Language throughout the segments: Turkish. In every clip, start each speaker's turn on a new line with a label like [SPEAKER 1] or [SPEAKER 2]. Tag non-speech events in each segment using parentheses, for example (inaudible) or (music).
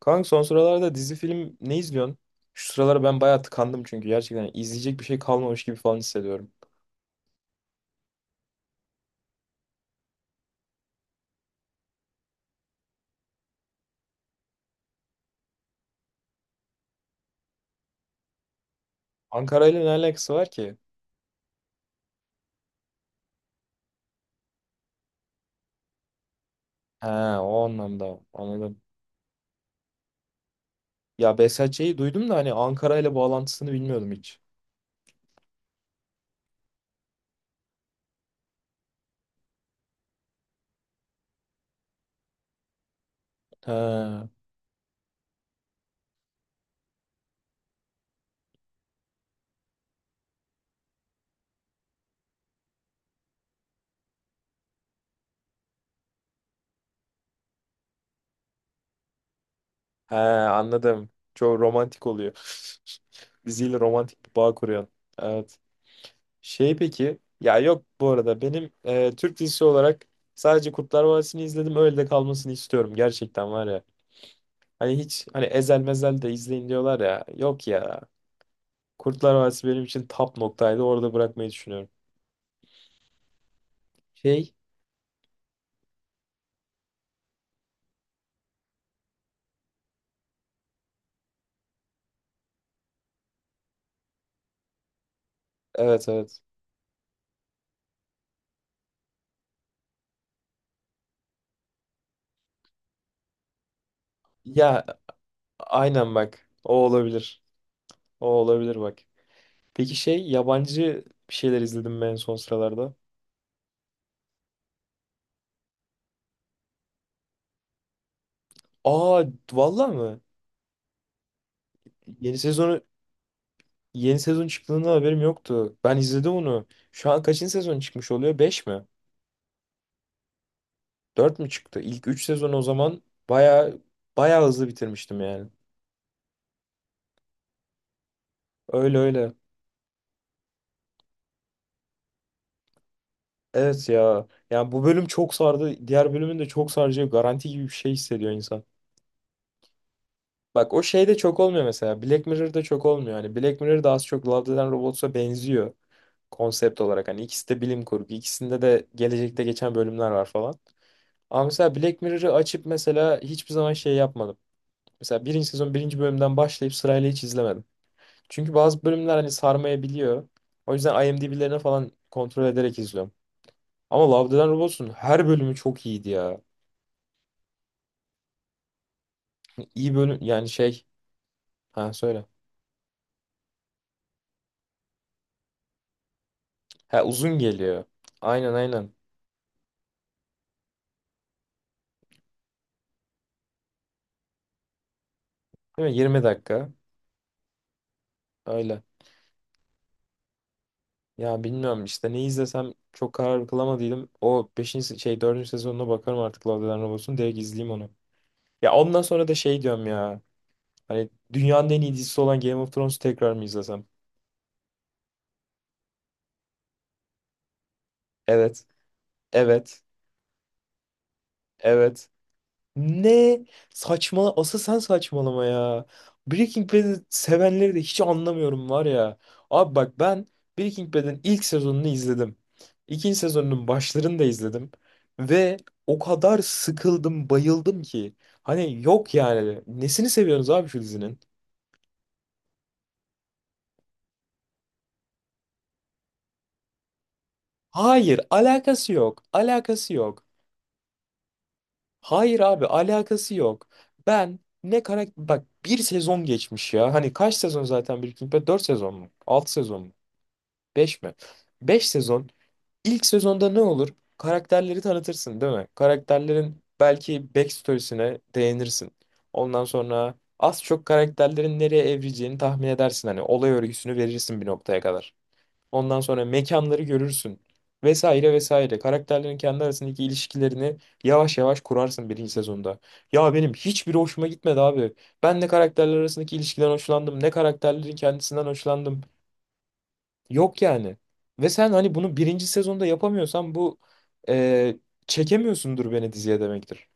[SPEAKER 1] Kanka son sıralarda dizi film ne izliyorsun? Şu sıralar ben bayağı tıkandım çünkü gerçekten izleyecek bir şey kalmamış gibi falan hissediyorum. Ankara ile ne alakası var ki? He, o anlamda anladım. Ya Behzatçı'yı duydum da hani Ankara ile bağlantısını bilmiyordum hiç. He, he, anladım. Çok romantik oluyor. (laughs) Diziyle romantik bir bağ kuruyorsun. Evet. Peki ya, yok, bu arada benim Türk dizisi olarak sadece Kurtlar Vadisi'ni izledim, öyle de kalmasını istiyorum gerçekten var ya. Hani hiç, hani ezel mezel de izleyin diyorlar ya. Yok ya. Kurtlar Vadisi benim için top noktaydı. Orada bırakmayı düşünüyorum. Şey Evet, evet. Ya aynen bak. O olabilir. O olabilir bak. Peki şey yabancı bir şeyler izledim ben son sıralarda. Aa, vallahi mı? Yeni sezonu, yeni sezon çıktığında haberim yoktu. Ben izledim onu. Şu an kaçıncı sezon çıkmış oluyor? Beş mi? Dört mü çıktı? İlk üç sezon o zaman baya baya hızlı bitirmiştim yani. Öyle öyle. Evet ya. Yani bu bölüm çok sardı. Diğer bölümün de çok saracağı garanti gibi bir şey hissediyor insan. Bak o şey de çok olmuyor mesela. Black Mirror'da çok olmuyor. Hani Black Mirror da az çok Love, Death and Robots'a benziyor. Konsept olarak hani ikisi de bilim kurgu. İkisinde de gelecekte geçen bölümler var falan. Ama mesela Black Mirror'ı açıp mesela hiçbir zaman şey yapmadım. Mesela birinci sezon birinci bölümden başlayıp sırayla hiç izlemedim. Çünkü bazı bölümler hani sarmayabiliyor. O yüzden IMDb'lerini falan kontrol ederek izliyorum. Ama Love, Death and Robots'un her bölümü çok iyiydi ya. İyi bölüm yani şey. Ha, söyle. Ha, uzun geliyor. Aynen, aynen. Değil mi? Yirmi dakika. Öyle. Ya bilmiyorum işte ne izlesem çok karar kılamadıydım. O 5. şey dördüncü sezonuna bakarım artık Love, Death and Robots'un. Direkt izleyeyim onu. Ya ondan sonra da şey diyorum ya. Hani dünyanın en iyi dizisi olan Game of Thrones'u tekrar mı izlesem? Evet. Evet. Evet. Ne saçma, asıl sen saçmalama ya. Breaking Bad'i sevenleri de hiç anlamıyorum var ya. Abi bak, ben Breaking Bad'in ilk sezonunu izledim. İkinci sezonunun başlarını da izledim. Ve o kadar sıkıldım, bayıldım ki. Hani yok yani. Nesini seviyorsunuz abi şu dizinin? Hayır, alakası yok. Alakası yok. Hayır abi, alakası yok. Ben ne karakter... Bak, bir sezon geçmiş ya. Hani kaç sezon zaten Breaking Bad? Dört sezon mu? 6 sezon mu? 5 mi? 5 sezon. İlk sezonda ne olur? Karakterleri tanıtırsın, değil mi? Karakterlerin belki backstory'sine değinirsin. Ondan sonra az çok karakterlerin nereye evrileceğini tahmin edersin. Hani olay örgüsünü verirsin bir noktaya kadar. Ondan sonra mekanları görürsün. Vesaire vesaire. Karakterlerin kendi arasındaki ilişkilerini yavaş yavaş kurarsın birinci sezonda. Ya benim hiçbiri hoşuma gitmedi abi. Ben ne karakterler arasındaki ilişkiden hoşlandım, ne karakterlerin kendisinden hoşlandım. Yok yani. Ve sen hani bunu birinci sezonda yapamıyorsan bu e, çekemiyorsundur beni diziye demektir.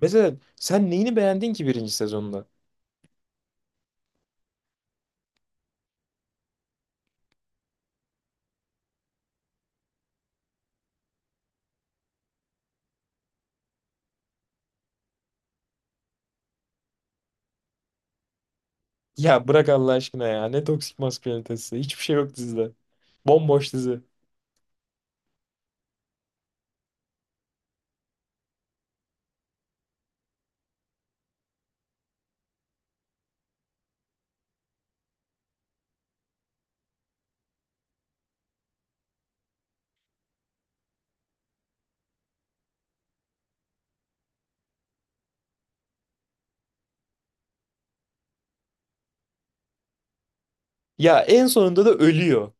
[SPEAKER 1] Mesela sen neyini beğendin ki birinci sezonda? Ya bırak Allah aşkına ya. Ne toksik maskülinitesi. Hiçbir şey yok dizide. Bomboş dizi. Ya en sonunda da ölüyor.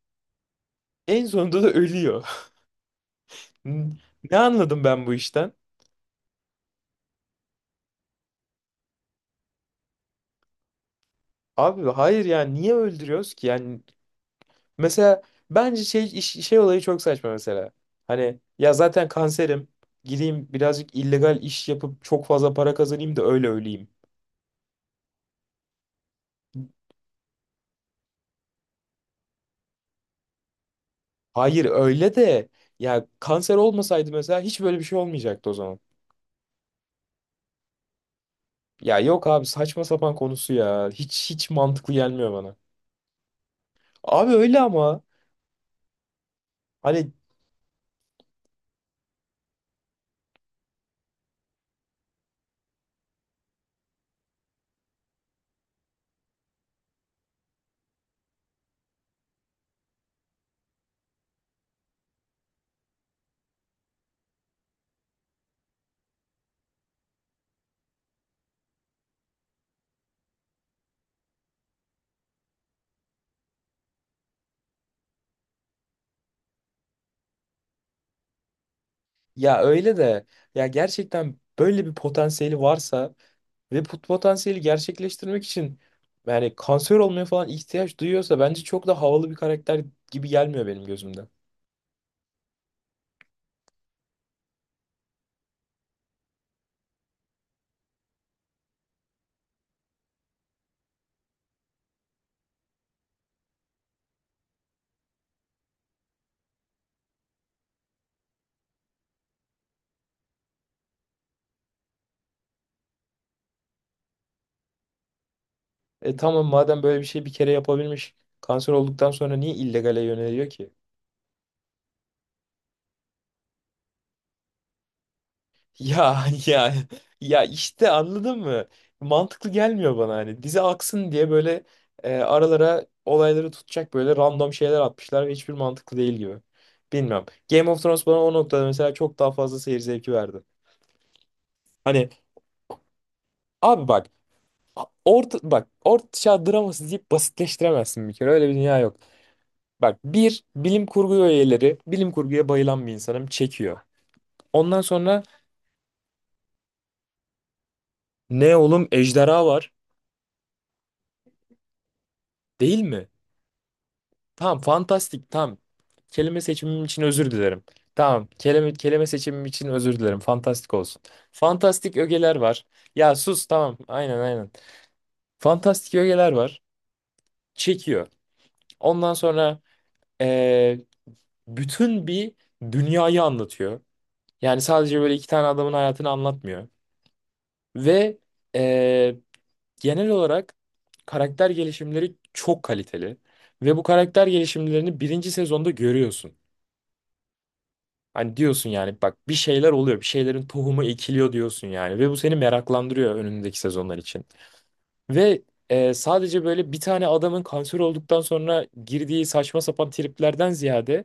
[SPEAKER 1] En sonunda da ölüyor. (laughs) Ne anladım ben bu işten? Abi hayır ya, niye öldürüyoruz ki? Yani, mesela, bence olayı çok saçma mesela. Hani ya zaten kanserim, gideyim birazcık illegal iş yapıp çok fazla para kazanayım da öyle öleyim. Hayır öyle de, ya, kanser olmasaydı mesela hiç böyle bir şey olmayacaktı o zaman. Ya yok abi, saçma sapan konusu ya. Hiç, hiç mantıklı gelmiyor bana. Abi öyle ama hani. Ya öyle de, ya gerçekten böyle bir potansiyeli varsa ve bu potansiyeli gerçekleştirmek için, yani kanser olmaya falan ihtiyaç duyuyorsa, bence çok da havalı bir karakter gibi gelmiyor benim gözümde. E tamam, madem böyle bir şey bir kere yapabilmiş, kanser olduktan sonra niye illegale yöneliyor ki? Ya (laughs) ya, ya işte, anladın mı? Mantıklı gelmiyor bana hani. Dizi aksın diye böyle aralara olayları tutacak böyle random şeyler atmışlar ve hiçbir mantıklı değil gibi. Bilmem. Game of Thrones bana o noktada mesela çok daha fazla seyir zevki verdi. Hani abi bak, orta çağ draması deyip basitleştiremezsin bir kere. Öyle bir dünya yok. Bak, bir bilim kurgu üyeleri, bilim kurguya bayılan bir insanım, çekiyor. Ondan sonra ne oğlum, ejderha var değil mi? Tamam, fantastik, tamam. Kelime seçimim için özür dilerim. Tamam, kelime seçimim için özür dilerim. Fantastik olsun. Fantastik ögeler var. Ya sus tamam, aynen aynen. Fantastik ögeler var. Çekiyor. Ondan sonra eee, bütün bir dünyayı anlatıyor. Yani sadece böyle iki tane adamın hayatını anlatmıyor. Ve eee, genel olarak karakter gelişimleri çok kaliteli. Ve bu karakter gelişimlerini birinci sezonda görüyorsun. Hani diyorsun yani, bak bir şeyler oluyor. Bir şeylerin tohumu ekiliyor diyorsun yani. Ve bu seni meraklandırıyor önündeki sezonlar için. Ve sadece böyle bir tane adamın kanser olduktan sonra girdiği saçma sapan triplerden ziyade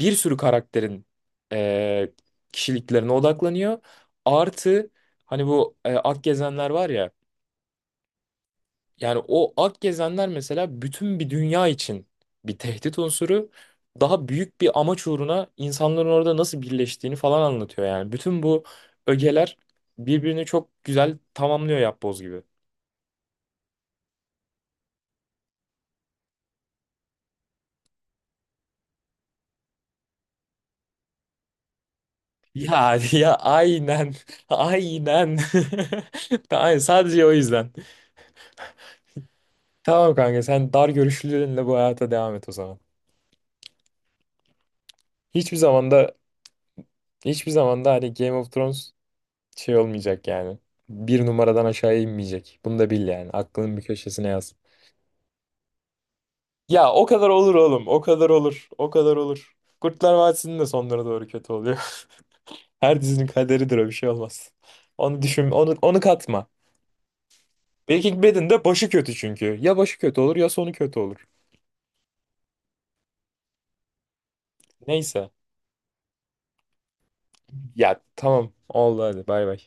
[SPEAKER 1] bir sürü karakterin e, kişiliklerine odaklanıyor. Artı hani bu Ak Gezenler var ya. Yani o Ak Gezenler mesela bütün bir dünya için bir tehdit unsuru. Daha büyük bir amaç uğruna insanların orada nasıl birleştiğini falan anlatıyor yani. Bütün bu ögeler birbirini çok güzel tamamlıyor, yapboz gibi. (laughs) Ya ya aynen. (laughs) Aynen. (laughs) Aynen, sadece o yüzden. Tamam kanka, sen dar görüşlülerinle bu hayata devam et o zaman. Hiçbir zamanda hiçbir zamanda hani Game of Thrones şey olmayacak yani. Bir numaradan aşağıya inmeyecek. Bunu da bil yani. Aklının bir köşesine yaz. Ya o kadar olur oğlum. O kadar olur. O kadar olur. Kurtlar Vadisi'nin de sonlara doğru kötü oluyor. (laughs) Her dizinin kaderidir, o bir şey olmaz. Onu düşün, onu, onu katma. Breaking Bad'in de başı kötü çünkü. Ya başı kötü olur ya sonu kötü olur. Neyse. Ya tamam. Oldu, hadi bay bay.